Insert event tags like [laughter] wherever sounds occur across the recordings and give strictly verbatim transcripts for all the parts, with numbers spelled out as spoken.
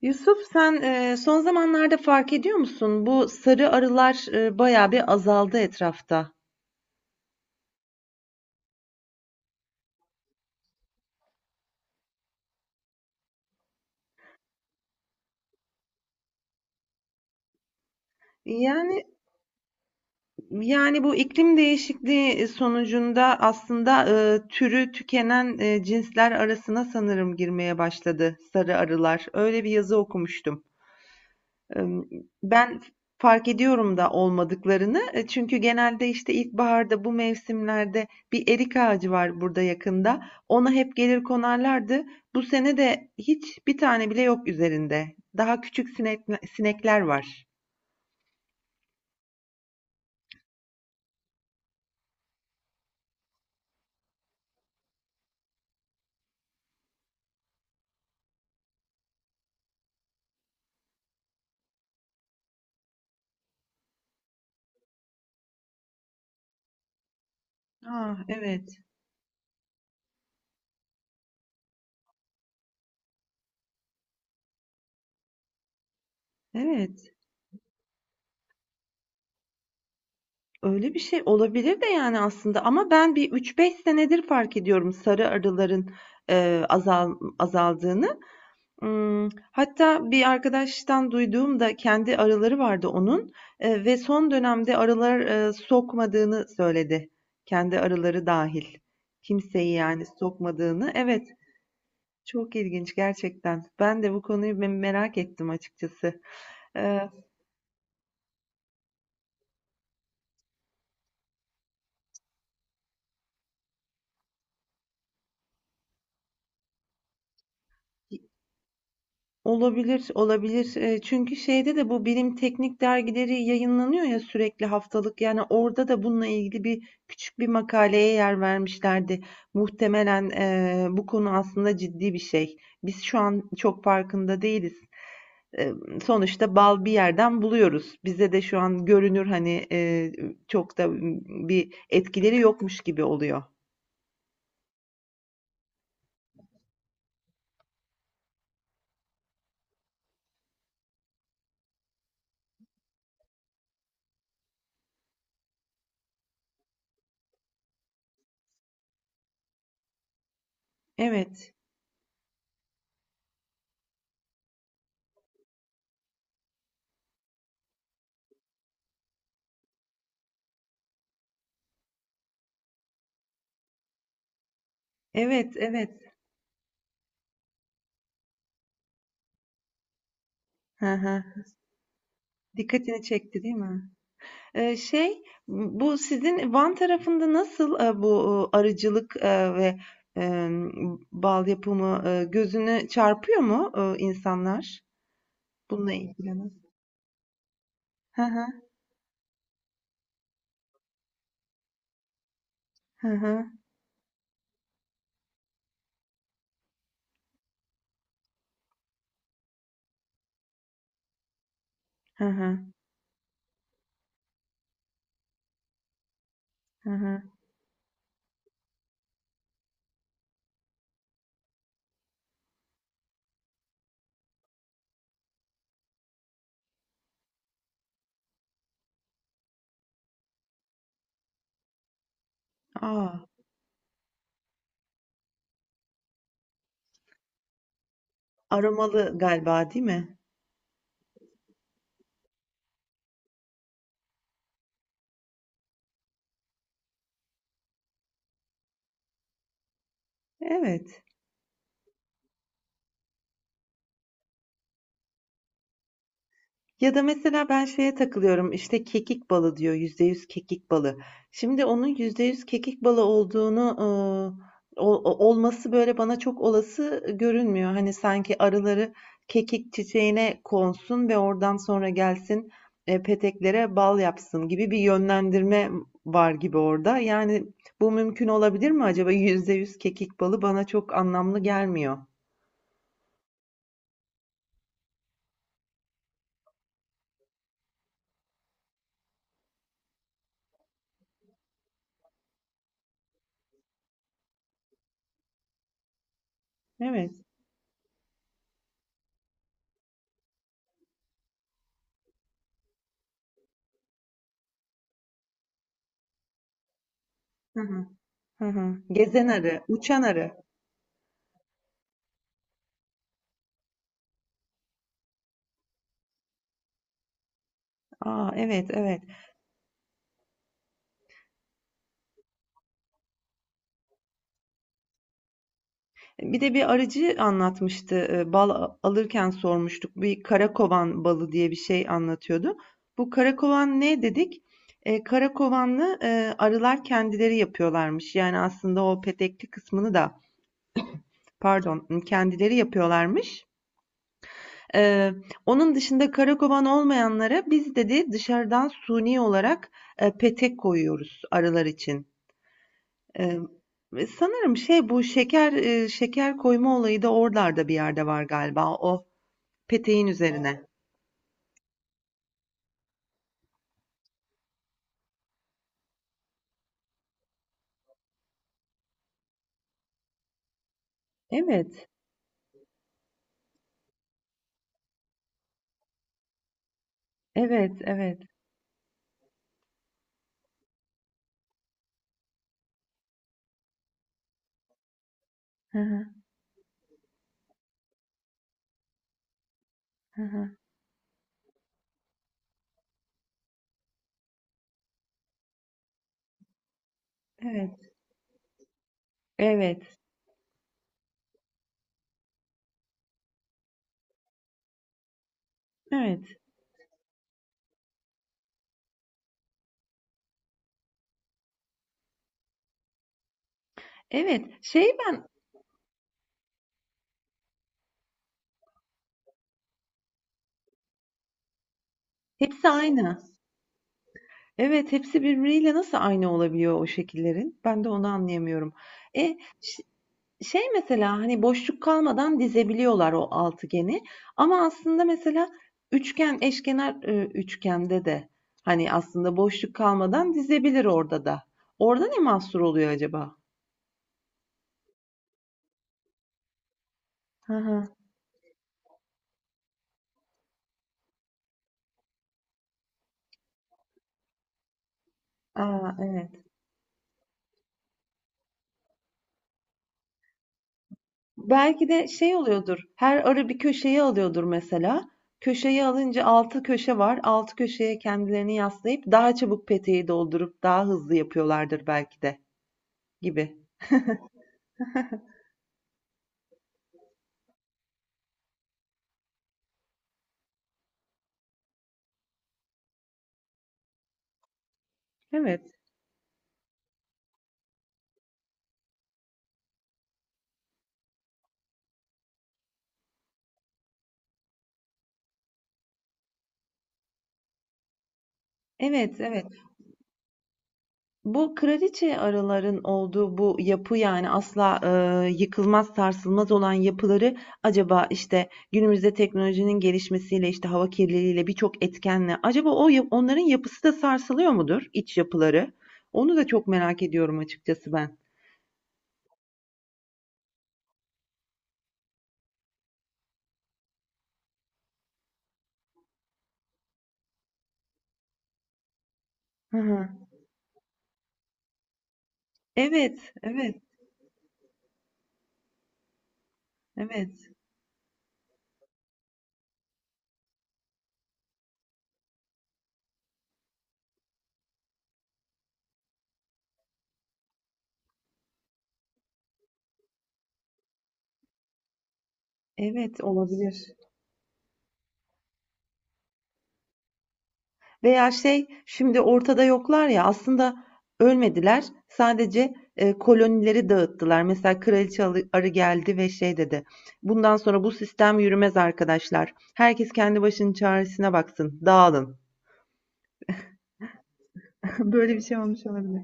Yusuf, sen e, son zamanlarda fark ediyor musun? Bu sarı arılar e, bayağı bir azaldı etrafta. Yani yani bu iklim değişikliği e, sonucunda aslında e, türü tükenen e, cinsler arasına sanırım girmeye başladı sarı arılar. Öyle bir yazı okumuştum. ben fark ediyorum da olmadıklarını. E, çünkü genelde, işte, ilkbaharda bu mevsimlerde bir erik ağacı var burada yakında. Ona hep gelir konarlardı. Bu sene de hiç bir tane bile yok üzerinde. Daha küçük sinek sinekler var. Ah, evet, evet. Öyle bir şey olabilir de, yani, aslında ama ben bir üç beş senedir fark ediyorum sarı arıların, eee, azal azaldığını. Imm, hatta bir arkadaştan duyduğum da kendi arıları vardı onun, eee, ve son dönemde arılar, eee, sokmadığını söyledi. Kendi arıları dahil kimseyi yani sokmadığını. Evet, çok ilginç gerçekten. Ben de bu konuyu me merak ettim açıkçası. Eee Olabilir, olabilir. Eee, çünkü şeyde de bu bilim teknik dergileri yayınlanıyor ya sürekli haftalık. Yani orada da bununla ilgili bir küçük bir makaleye yer vermişlerdi. Muhtemelen eee, bu konu aslında ciddi bir şey. Biz şu an çok farkında değiliz, sonuçta bal bir yerden buluyoruz. Bize de şu an görünür hani eee, çok da bir etkileri yokmuş gibi oluyor. Evet, evet, evet. Hı hı. Dikkatini çekti, değil mi? Eee, şey, bu sizin Van tarafında nasıl, eee, bu, eee, arıcılık, eee, ve, emm, bal yapımı, eee, gözüne çarpıyor mu, eee, insanlar? Bununla ilgilenen. Hı hı. Hı hı. Hı hı. Hı hı. A! Aromalı galiba, değil mi? Evet. Ya da mesela ben şeye takılıyorum, işte, kekik balı diyor, yüzde yüz kekik balı. Şimdi onun yüzde yüz kekik balı olduğunu, ııı, o olması, böyle, bana çok olası görünmüyor. Hani, sanki arıları kekik çiçeğine konsun ve oradan sonra gelsin, eee, peteklere bal yapsın gibi bir yönlendirme var gibi orada. Yani, bu mümkün olabilir mi acaba? Yüzde yüz kekik balı bana çok anlamlı gelmiyor. Evet. Hı hı. Hı hı. Gezen arı, uçan arı. Aa, evet, evet. Bir de bir arıcı anlatmıştı. e, Bal a- alırken sormuştuk. Bir karakovan balı diye bir şey anlatıyordu. Bu karakovan ne dedik? E, karakovanlı e, arılar kendileri yapıyorlarmış. Yani aslında o petekli kısmını da, pardon, kendileri yapıyorlarmış. E, onun dışında karakovan olmayanlara biz, dedi, dışarıdan suni olarak e, petek koyuyoruz arılar için. Eee, ve sanırım şey, bu şeker, eee, şeker koyma olayı da oralarda bir yerde var galiba. O peteğin üzerine. Evet, evet, evet. Hı hı, hı hı. Evet, evet, evet, evet. Şey ben, hepsi aynı. Evet, hepsi birbiriyle nasıl aynı olabiliyor o şekillerin? Ben de onu anlayamıyorum. E, Şey, mesela, hani, boşluk kalmadan dizebiliyorlar o altıgeni, ama aslında mesela üçgen, eşkenar, ııı, üçgende de, hani, aslında boşluk kalmadan dizebilir orada da. Orada ne mahsur oluyor acaba? Hı hı. A, evet. Belki de şey oluyordur, her arı bir köşeyi alıyordur mesela. Köşeyi alınca altı köşe var. Altı köşeye kendilerini yaslayıp daha çabuk peteği doldurup daha hızlı yapıyorlardır belki de, gibi. Evet. Evet, evet. Bu kraliçe arıların olduğu bu yapı, yani asla, eee, yıkılmaz, sarsılmaz olan yapıları, acaba, işte, günümüzde teknolojinin gelişmesiyle, işte, hava kirliliğiyle, birçok etkenle acaba o, ya, onların yapısı da sarsılıyor mudur, iç yapıları? Onu da çok merak ediyorum açıkçası ben. Hı hı. Evet, evet, evet, evet, olabilir. Veya şey, şimdi ortada yoklar ya, aslında ölmediler. Sadece, eee, kolonileri dağıttılar. Mesela kraliçe arı geldi ve şey dedi, "Bundan sonra bu sistem yürümez arkadaşlar. Herkes kendi başının çaresine baksın. Dağılın." [laughs] Böyle bir şey olmuş olabilir.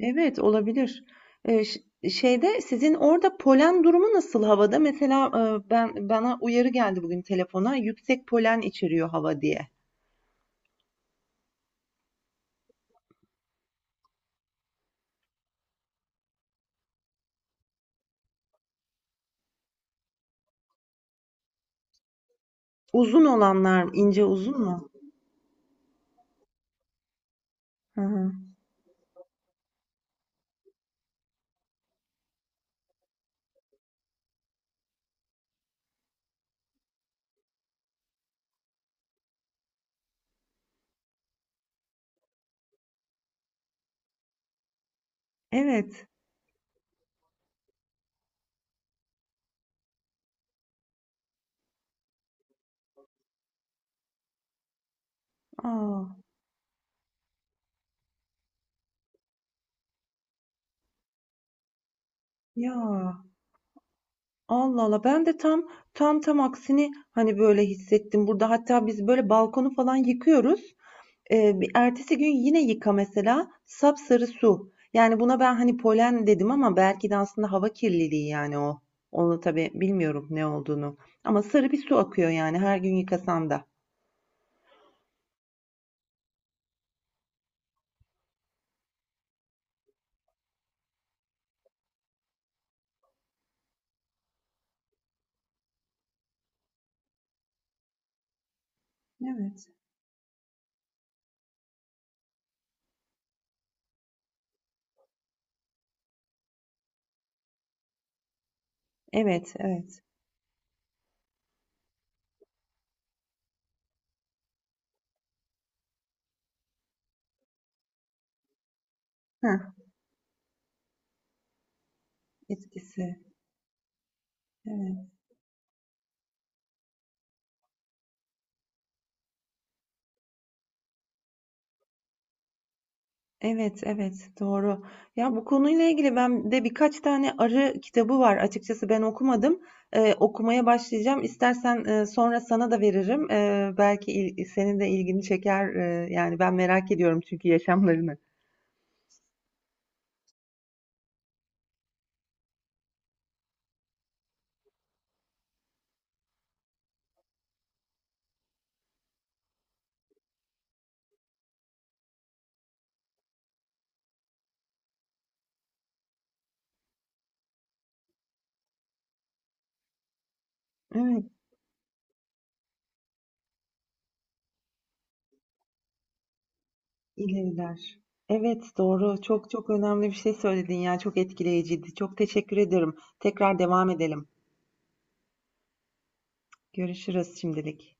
Evet, olabilir. Eee, ş Şeyde, sizin orada polen durumu nasıl havada? Mesela, eee, ben, bana uyarı geldi bugün telefona, yüksek polen içeriyor hava diye. Uzun olanlar, ince uzun mu? Hı hı. Evet. Aa, ya, Allah Allah, ben de tam tam tam aksini hani böyle hissettim burada, hatta biz böyle balkonu falan yıkıyoruz. Ee, bir ertesi gün yine yıka mesela, sapsarı su, yani buna ben hani polen dedim ama belki de aslında hava kirliliği, yani o onu tabii bilmiyorum ne olduğunu, ama sarı bir su akıyor yani her gün yıkasam da. Evet. Evet, evet. Heh, etkisi. Evet. Evet, evet, doğru. Ya, bu konuyla ilgili ben de birkaç tane arı kitabı var. Açıkçası ben okumadım. Eee, okumaya başlayacağım. İstersen, eee, sonra sana da veririm. Eee, belki il senin de ilgini çeker. Eee, yani ben merak ediyorum çünkü yaşamlarını. Evet, ileriler. Evet, doğru. Çok çok önemli bir şey söyledin ya. Çok etkileyiciydi. Çok teşekkür ederim. Tekrar devam edelim. Görüşürüz şimdilik.